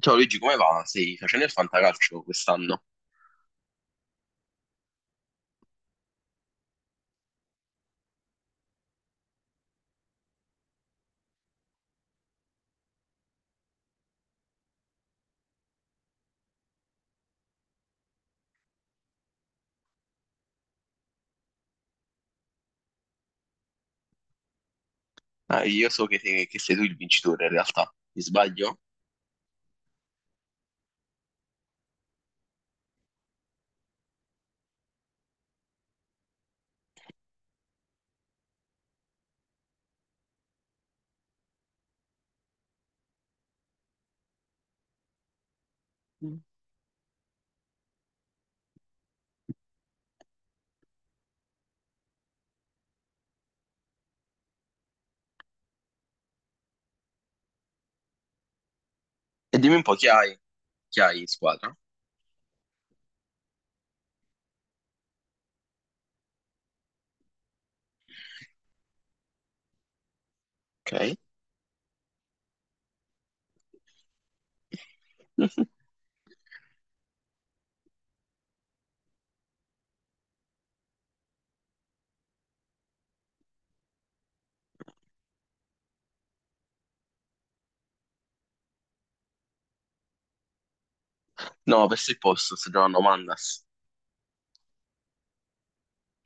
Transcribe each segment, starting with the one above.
Ciao Luigi, come va? Stai facendo il fantacalcio quest'anno? Ah, io so che sei tu il vincitore in realtà, mi sbaglio? E dimmi un po' chi hai in squadra? Ok. No, ho perso il posto, sto giocando Mandas.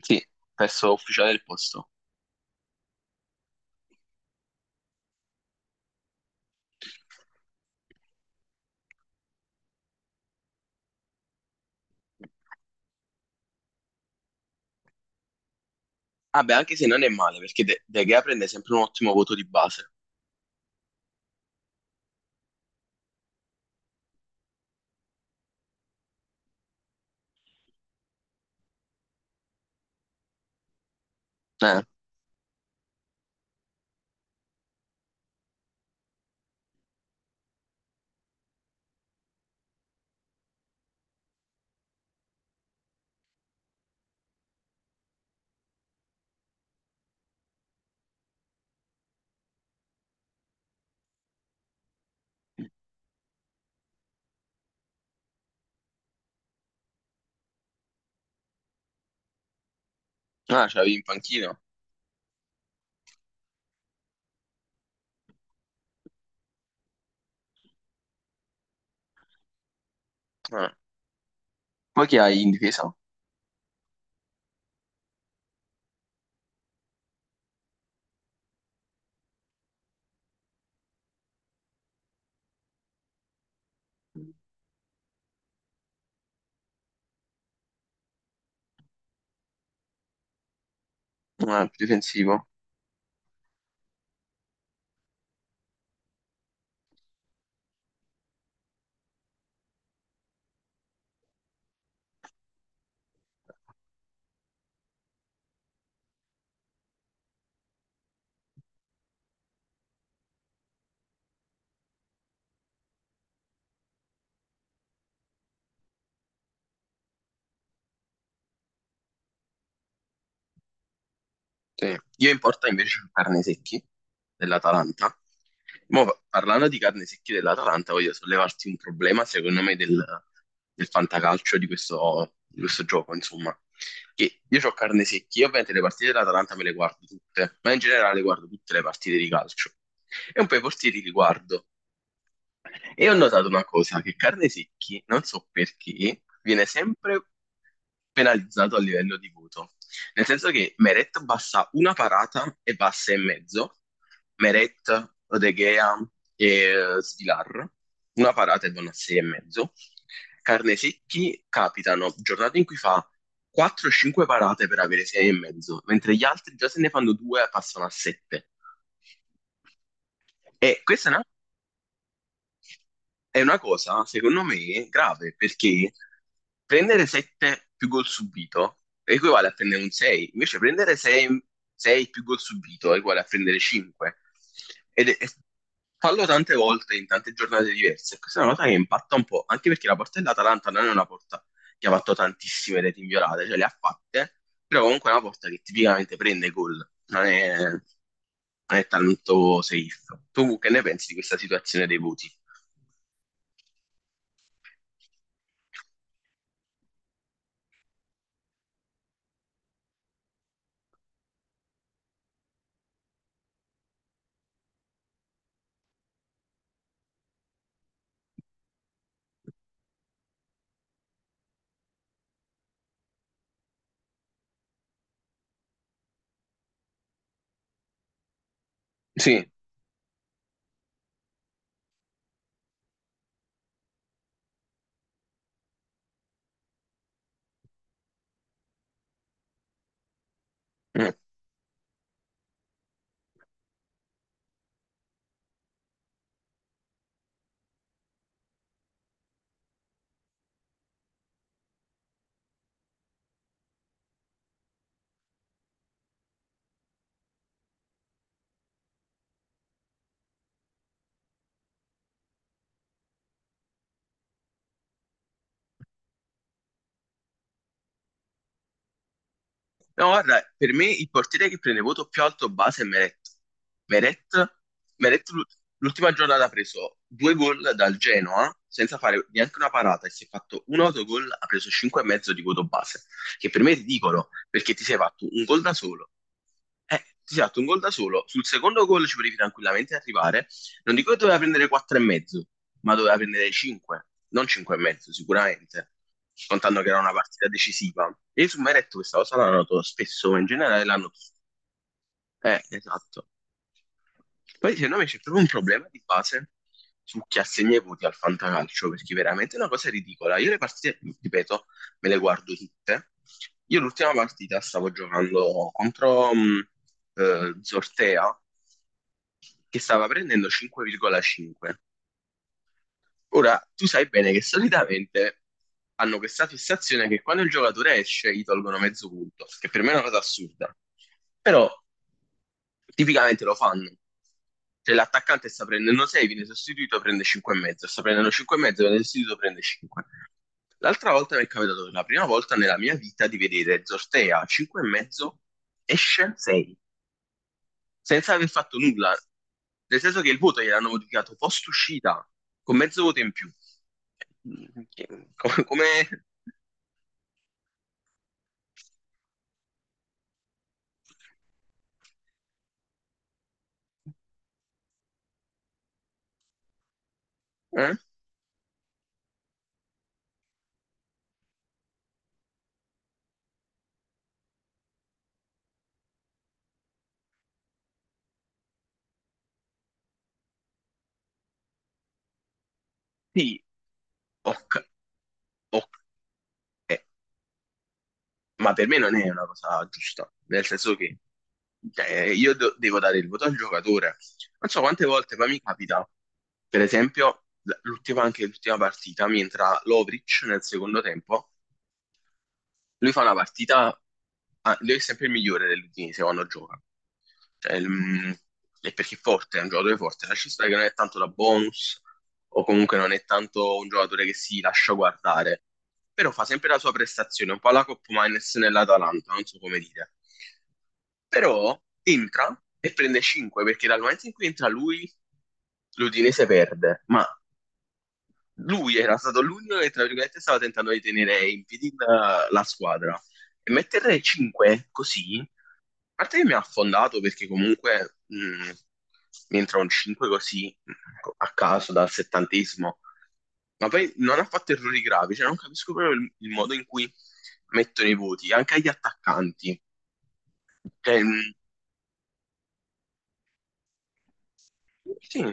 Sì, perso ufficiale del posto. Ah, beh, anche se non è male, perché De Gea prende sempre un ottimo voto di base. Eh, ah, ce l'avevi in panchina? Eh. Poi chi hai in difesa? Difensivo. Sì. Io in porta invece ho carne secchi dell'Atalanta. Mo, parlando di carne secchi dell'Atalanta, voglio sollevarti un problema, secondo me, del fantacalcio di questo gioco, insomma. Che io ho carne secchi, io ovviamente le partite dell'Atalanta me le guardo tutte, ma in generale guardo tutte le partite di calcio. E un po' i portieri li guardo. E ho notato una cosa, che carne secchi, non so perché, viene sempre penalizzato a livello di voto. Nel senso che Meret basta una parata e passa in mezzo, Meret, Odeghea e Svilar, una parata e vanno a 6,5. Carne secchi capitano giornate in cui fa 4-5 parate per avere 6,5, mentre gli altri già se ne fanno due e passano a 7. E questa è una cosa, secondo me, grave, perché prendere 7 più gol subito equivale a prendere un 6, invece prendere 6 più gol subito equivale a prendere 5. Ed è- fallo tante volte in tante giornate diverse. Questa è una cosa che impatta un po', anche perché la porta dell'Atalanta non è una porta che ha fatto tantissime reti inviolate, cioè le ha fatte, però comunque è una porta che tipicamente prende gol, non è tanto safe. Tu che ne pensi di questa situazione dei voti? Sì. Mm. No, guarda, per me il portiere che prende voto più alto base è Meret. Meret, Meret l'ultima giornata ha preso due gol dal Genoa senza fare neanche una parata e si è fatto un autogol, ha preso 5,5 di voto base, che per me è ridicolo, perché ti sei fatto un gol da solo. Eh, Ti sei fatto un gol da solo, sul secondo gol ci potevi tranquillamente arrivare. Non dico che doveva prendere 4,5, ma doveva prendere 5, non 5,5 sicuramente, contando che era una partita decisiva. E su Meret questa cosa l'hanno notato spesso, ma in generale l'hanno... esatto. Poi secondo me c'è proprio un problema di base su chi assegna i voti al fantacalcio, perché veramente è una cosa ridicola. Io le partite, ripeto, me le guardo tutte. Io l'ultima partita stavo giocando contro Zortea, che stava prendendo 5,5. Ora, tu sai bene che solitamente hanno questa fissazione che quando il giocatore esce gli tolgono mezzo punto, che per me è una cosa assurda. Però tipicamente lo fanno. Se l'attaccante sta prendendo 6, viene sostituito, prende 5,5. Sta prendendo 5,5, viene sostituito, prende 5. L'altra volta mi è capitato per la prima volta nella mia vita di vedere Zortea 5,5, esce 6 senza aver fatto nulla. Nel senso che il voto gliel'hanno modificato post uscita, con mezzo voto in più. Che- Come... come- eh? Sì, ok, ok. Eh, ma per me non è una cosa giusta, nel senso che, cioè, io devo dare il voto al giocatore. Non so quante volte, ma mi capita, per esempio, l'ultima, anche l'ultima partita, mi entra Lovric nel secondo tempo. Lui fa una partita, ah, lui è sempre il migliore dell'Udinese quando gioca. Cioè, è perché è forte, è un giocatore forte. Lascia stare che non è tanto da bonus o comunque non è tanto un giocatore che si lascia guardare, però fa sempre la sua prestazione, un po' alla Coppa Miners nell'Atalanta, non so come dire. Però entra e prende 5 perché dal momento in cui entra lui, l'Udinese perde, ma lui era stato l'unico che, tra virgolette, stava tentando di tenere in piedi la squadra. E mettere 5 così, a parte che mi ha affondato perché comunque mi entra un 5 così a caso dal settantesimo, ma poi non ha fatto errori gravi, cioè non capisco proprio il modo in cui mettono i voti, anche agli attaccanti. Cioè, sì,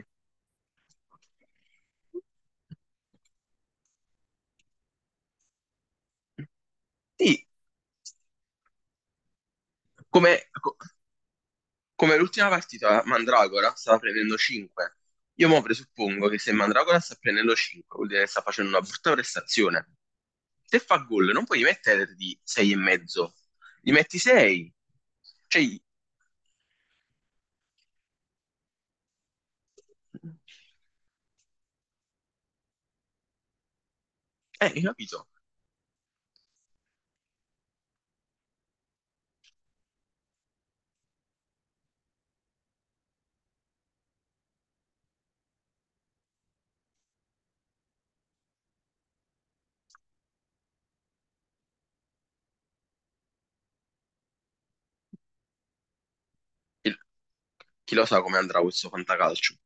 sì, come... co- Come l'ultima partita, Mandragora stava prendendo 5. Io mo presuppongo che se Mandragora sta prendendo 5, vuol dire che sta facendo una brutta prestazione. Se fa gol, non puoi mettergli 6,5. Gli metti 6. Cioè, hai capito? Il- Chi lo sa come andrà questo fantacalcio?